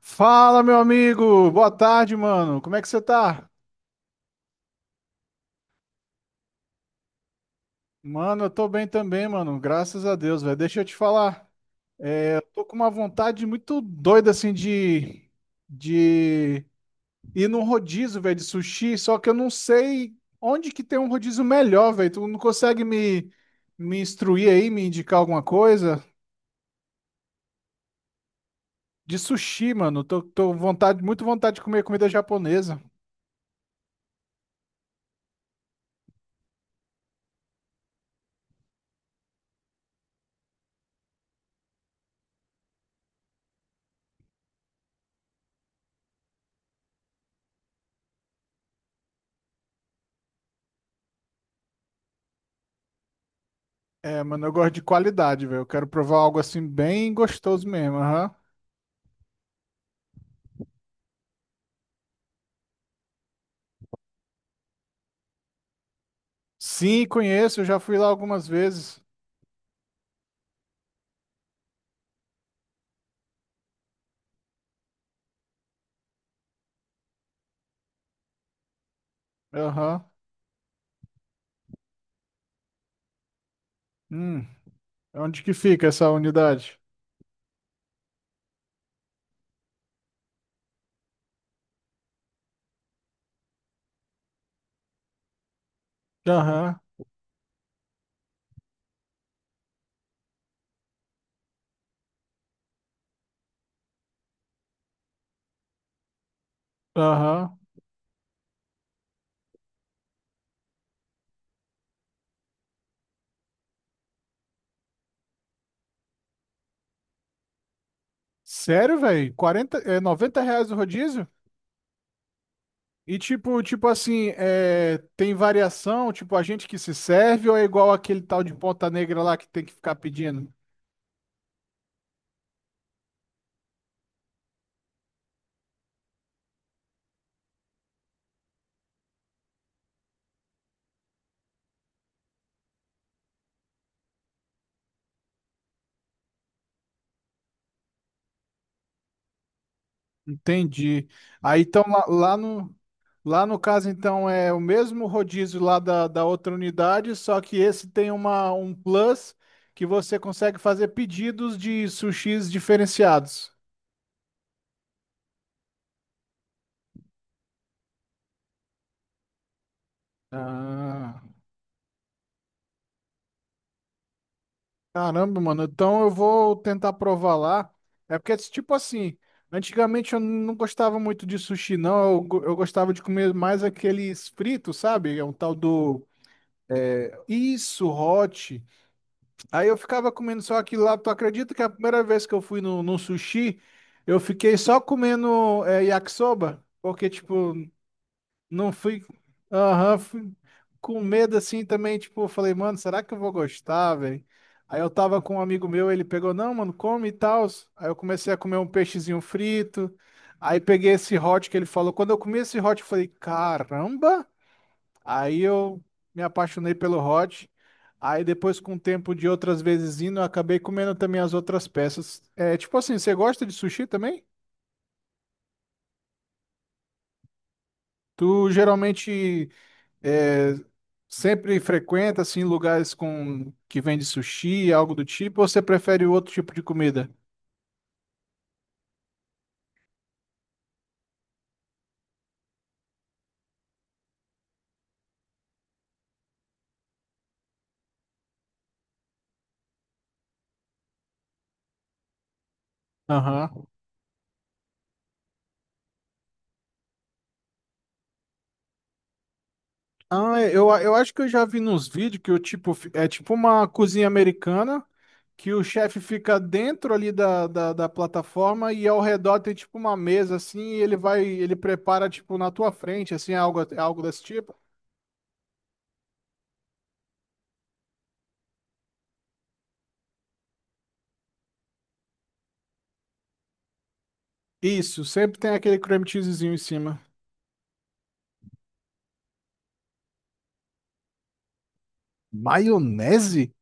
Fala, meu amigo! Boa tarde, mano. Como é que você tá? Mano, eu tô bem também, mano. Graças a Deus, velho. Deixa eu te falar. É, eu tô com uma vontade muito doida, assim, de ir num rodízio, velho, de sushi. Só que eu não sei onde que tem um rodízio melhor, velho. Tu não consegue me instruir aí, me indicar alguma coisa? De sushi, mano. Tô vontade, muito vontade de comer comida japonesa. É, mano, eu gosto de qualidade, velho. Eu quero provar algo assim bem gostoso mesmo, aham. Sim, conheço, eu já fui lá algumas vezes. Aham. Hum, Onde que fica essa unidade? Aham, aham. Sério, velho? 40? R$ 90 o rodízio? E tipo assim, tem variação, tipo, a gente que se serve ou é igual aquele tal de Ponta Negra lá que tem que ficar pedindo? Entendi. Aí então lá, lá no caso então é o mesmo rodízio lá da outra unidade, só que esse tem uma um plus que você consegue fazer pedidos de sushis diferenciados. Ah, caramba, mano. Então eu vou tentar provar lá. É porque tipo assim, antigamente eu não gostava muito de sushi não, eu gostava de comer mais aqueles fritos, sabe? É um tal do isso, hot. Aí eu ficava comendo só aquilo lá. Tu acredita que a primeira vez que eu fui no sushi, eu fiquei só comendo yakisoba? Porque, tipo, não fui. Aham, fui com medo assim também. Tipo, eu falei, mano, será que eu vou gostar, velho? Aí eu tava com um amigo meu, ele pegou, não, mano, come e tal. Aí eu comecei a comer um peixezinho frito. Aí peguei esse hot que ele falou. Quando eu comi esse hot, eu falei, caramba! Aí eu me apaixonei pelo hot. Aí depois, com o tempo de outras vezes indo, eu acabei comendo também as outras peças. É, tipo assim, você gosta de sushi também? Tu geralmente é, sempre frequenta assim lugares com que vende sushi, algo do tipo, ou você prefere outro tipo de comida? Aham. Ah, eu acho que eu já vi nos vídeos que o tipo é tipo uma cozinha americana, que o chefe fica dentro ali da plataforma e ao redor tem tipo uma mesa assim, e ele prepara tipo na tua frente, assim, algo desse tipo. Isso, sempre tem aquele cream cheesezinho em cima. Maionese?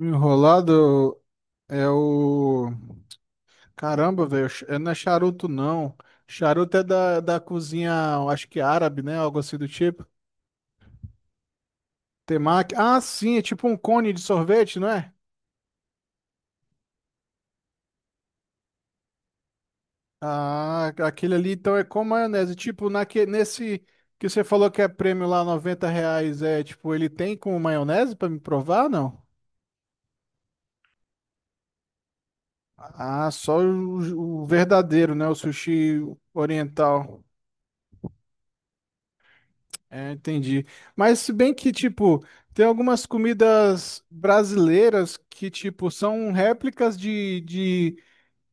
Enrolado é o. Caramba, velho, não é charuto não. Charuto é da cozinha, acho que árabe, né? Algo assim do tipo. Temaki. Ah, sim, é tipo um cone de sorvete, não é? Ah, aquele ali então é com maionese. Tipo, nesse que você falou que é prêmio lá, R$ 90, é tipo, ele tem com maionese pra me provar, não? Ah, só o verdadeiro, né? O sushi oriental. É, entendi. Mas se bem que, tipo, tem algumas comidas brasileiras que, tipo, são réplicas de, de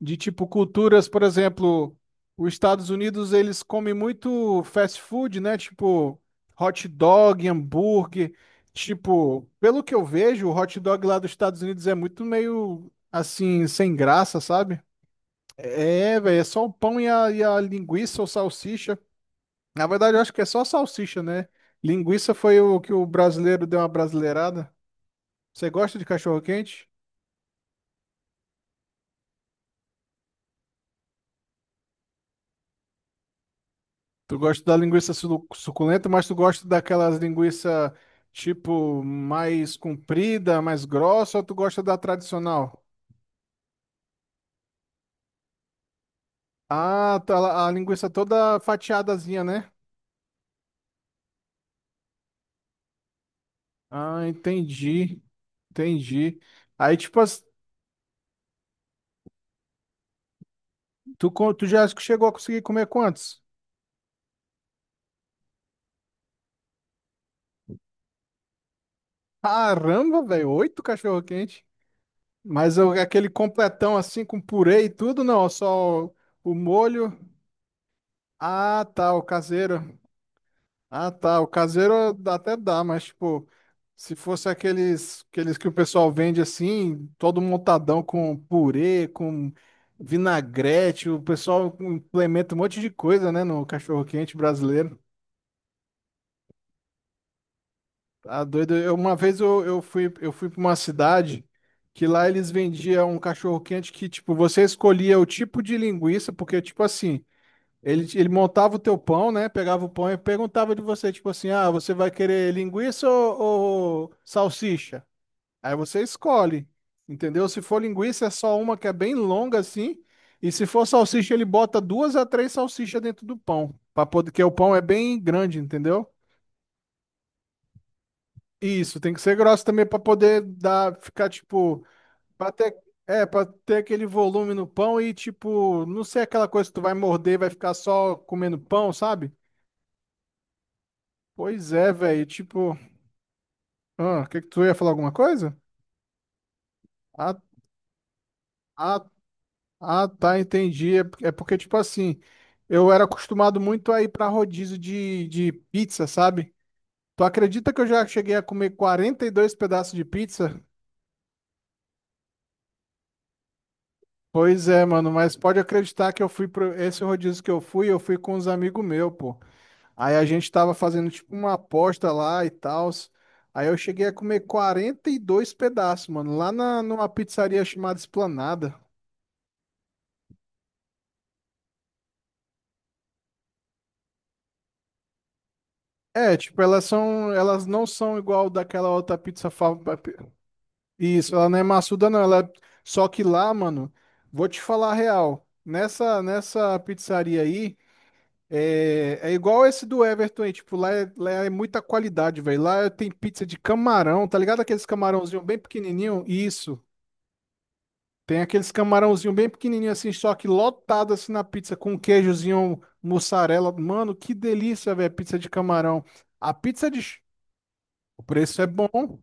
de tipo culturas, por exemplo, os Estados Unidos eles comem muito fast food, né? Tipo hot dog, hambúrguer. Tipo, pelo que eu vejo, o hot dog lá dos Estados Unidos é muito meio assim, sem graça, sabe? É, velho, é só o pão e a linguiça ou salsicha. Na verdade, eu acho que é só salsicha, né? Linguiça foi o que o brasileiro deu uma brasileirada. Você gosta de cachorro quente? Tu gosta da linguiça suculenta, mas tu gosta daquelas linguiça tipo mais comprida, mais grossa, ou tu gosta da tradicional? Ah, tá, a linguiça toda fatiadazinha, né? Ah, entendi. Entendi. Aí, tipo, tu já chegou a conseguir comer quantos? Caramba, velho, oito cachorro-quente. Mas aquele completão assim com purê e tudo, não, só o molho. Ah, tá, o caseiro. Ah, tá. O caseiro dá até dá, mas tipo, se fosse aqueles, que o pessoal vende assim, todo montadão com purê, com vinagrete, o pessoal implementa um monte de coisa, né, no cachorro-quente brasileiro. Tá doido. Uma vez eu fui para uma cidade que lá eles vendiam um cachorro-quente que, tipo, você escolhia o tipo de linguiça, porque, tipo assim. Ele montava o teu pão, né? Pegava o pão e perguntava de você, tipo assim, ah, você vai querer linguiça ou salsicha? Aí você escolhe, entendeu? Se for linguiça, é só uma que é bem longa assim, e se for salsicha, ele bota duas a três salsichas dentro do pão, para poder, que o pão é bem grande, entendeu? Isso, tem que ser grosso também para poder dar, ficar tipo, para ter, para ter aquele volume no pão e tipo, não ser aquela coisa que tu vai morder, e vai ficar só comendo pão, sabe? Pois é, velho. Tipo, ah, que tu ia falar alguma coisa? Ah, ah, ah, tá, entendi. É porque, tipo assim, eu era acostumado muito a ir pra rodízio de pizza, sabe? Tu acredita que eu já cheguei a comer 42 pedaços de pizza? Pois é, mano, mas pode acreditar que eu fui pro esse rodízio que eu fui com uns amigos meus, pô. Aí a gente tava fazendo tipo uma aposta lá e tal. Aí eu cheguei a comer 42 pedaços, mano, lá numa pizzaria chamada Esplanada. É, tipo, elas não são igual daquela outra pizza. Isso, ela não é maçuda, não. Ela é... Só que lá, mano, vou te falar a real. Nessa pizzaria aí, é igual esse do Everton aí. Tipo, lá é muita qualidade, velho. Lá tem pizza de camarão, tá ligado? Aqueles camarãozinho bem pequenininho? Isso. Tem aqueles camarãozinho bem pequenininho assim, só que lotado assim na pizza com queijozinho, mussarela. Mano, que delícia, velho, pizza de camarão. A pizza de. O preço é bom.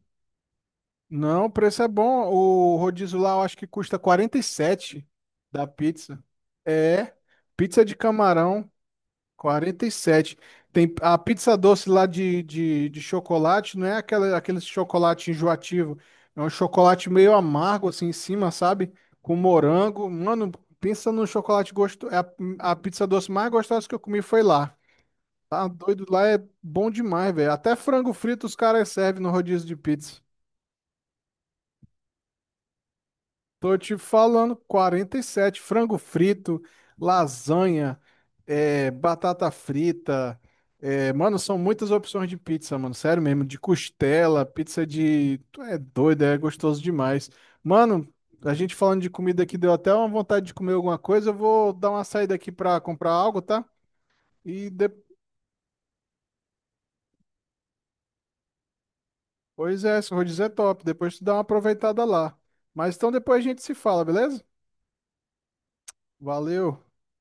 Não, o preço é bom. O rodízio lá eu acho que custa 47 da pizza. É, pizza de camarão, 47. Tem a pizza doce lá de chocolate, não é aquele chocolate enjoativo. É um chocolate meio amargo assim em cima, sabe? Com morango. Mano, pensa num chocolate gostoso. A pizza doce mais gostosa que eu comi foi lá. Tá doido, lá é bom demais, velho. Até frango frito os caras servem no rodízio de pizza. Tô te falando, 47 frango frito, lasanha, batata frita. Mano, são muitas opções de pizza, mano. Sério mesmo, de costela, pizza de. Tu é doido, é gostoso demais. Mano, a gente falando de comida aqui deu até uma vontade de comer alguma coisa. Eu vou dar uma saída aqui pra comprar algo, tá? E depois se eu vou dizer top. Depois tu dá uma aproveitada lá. Mas então depois a gente se fala, beleza? Valeu.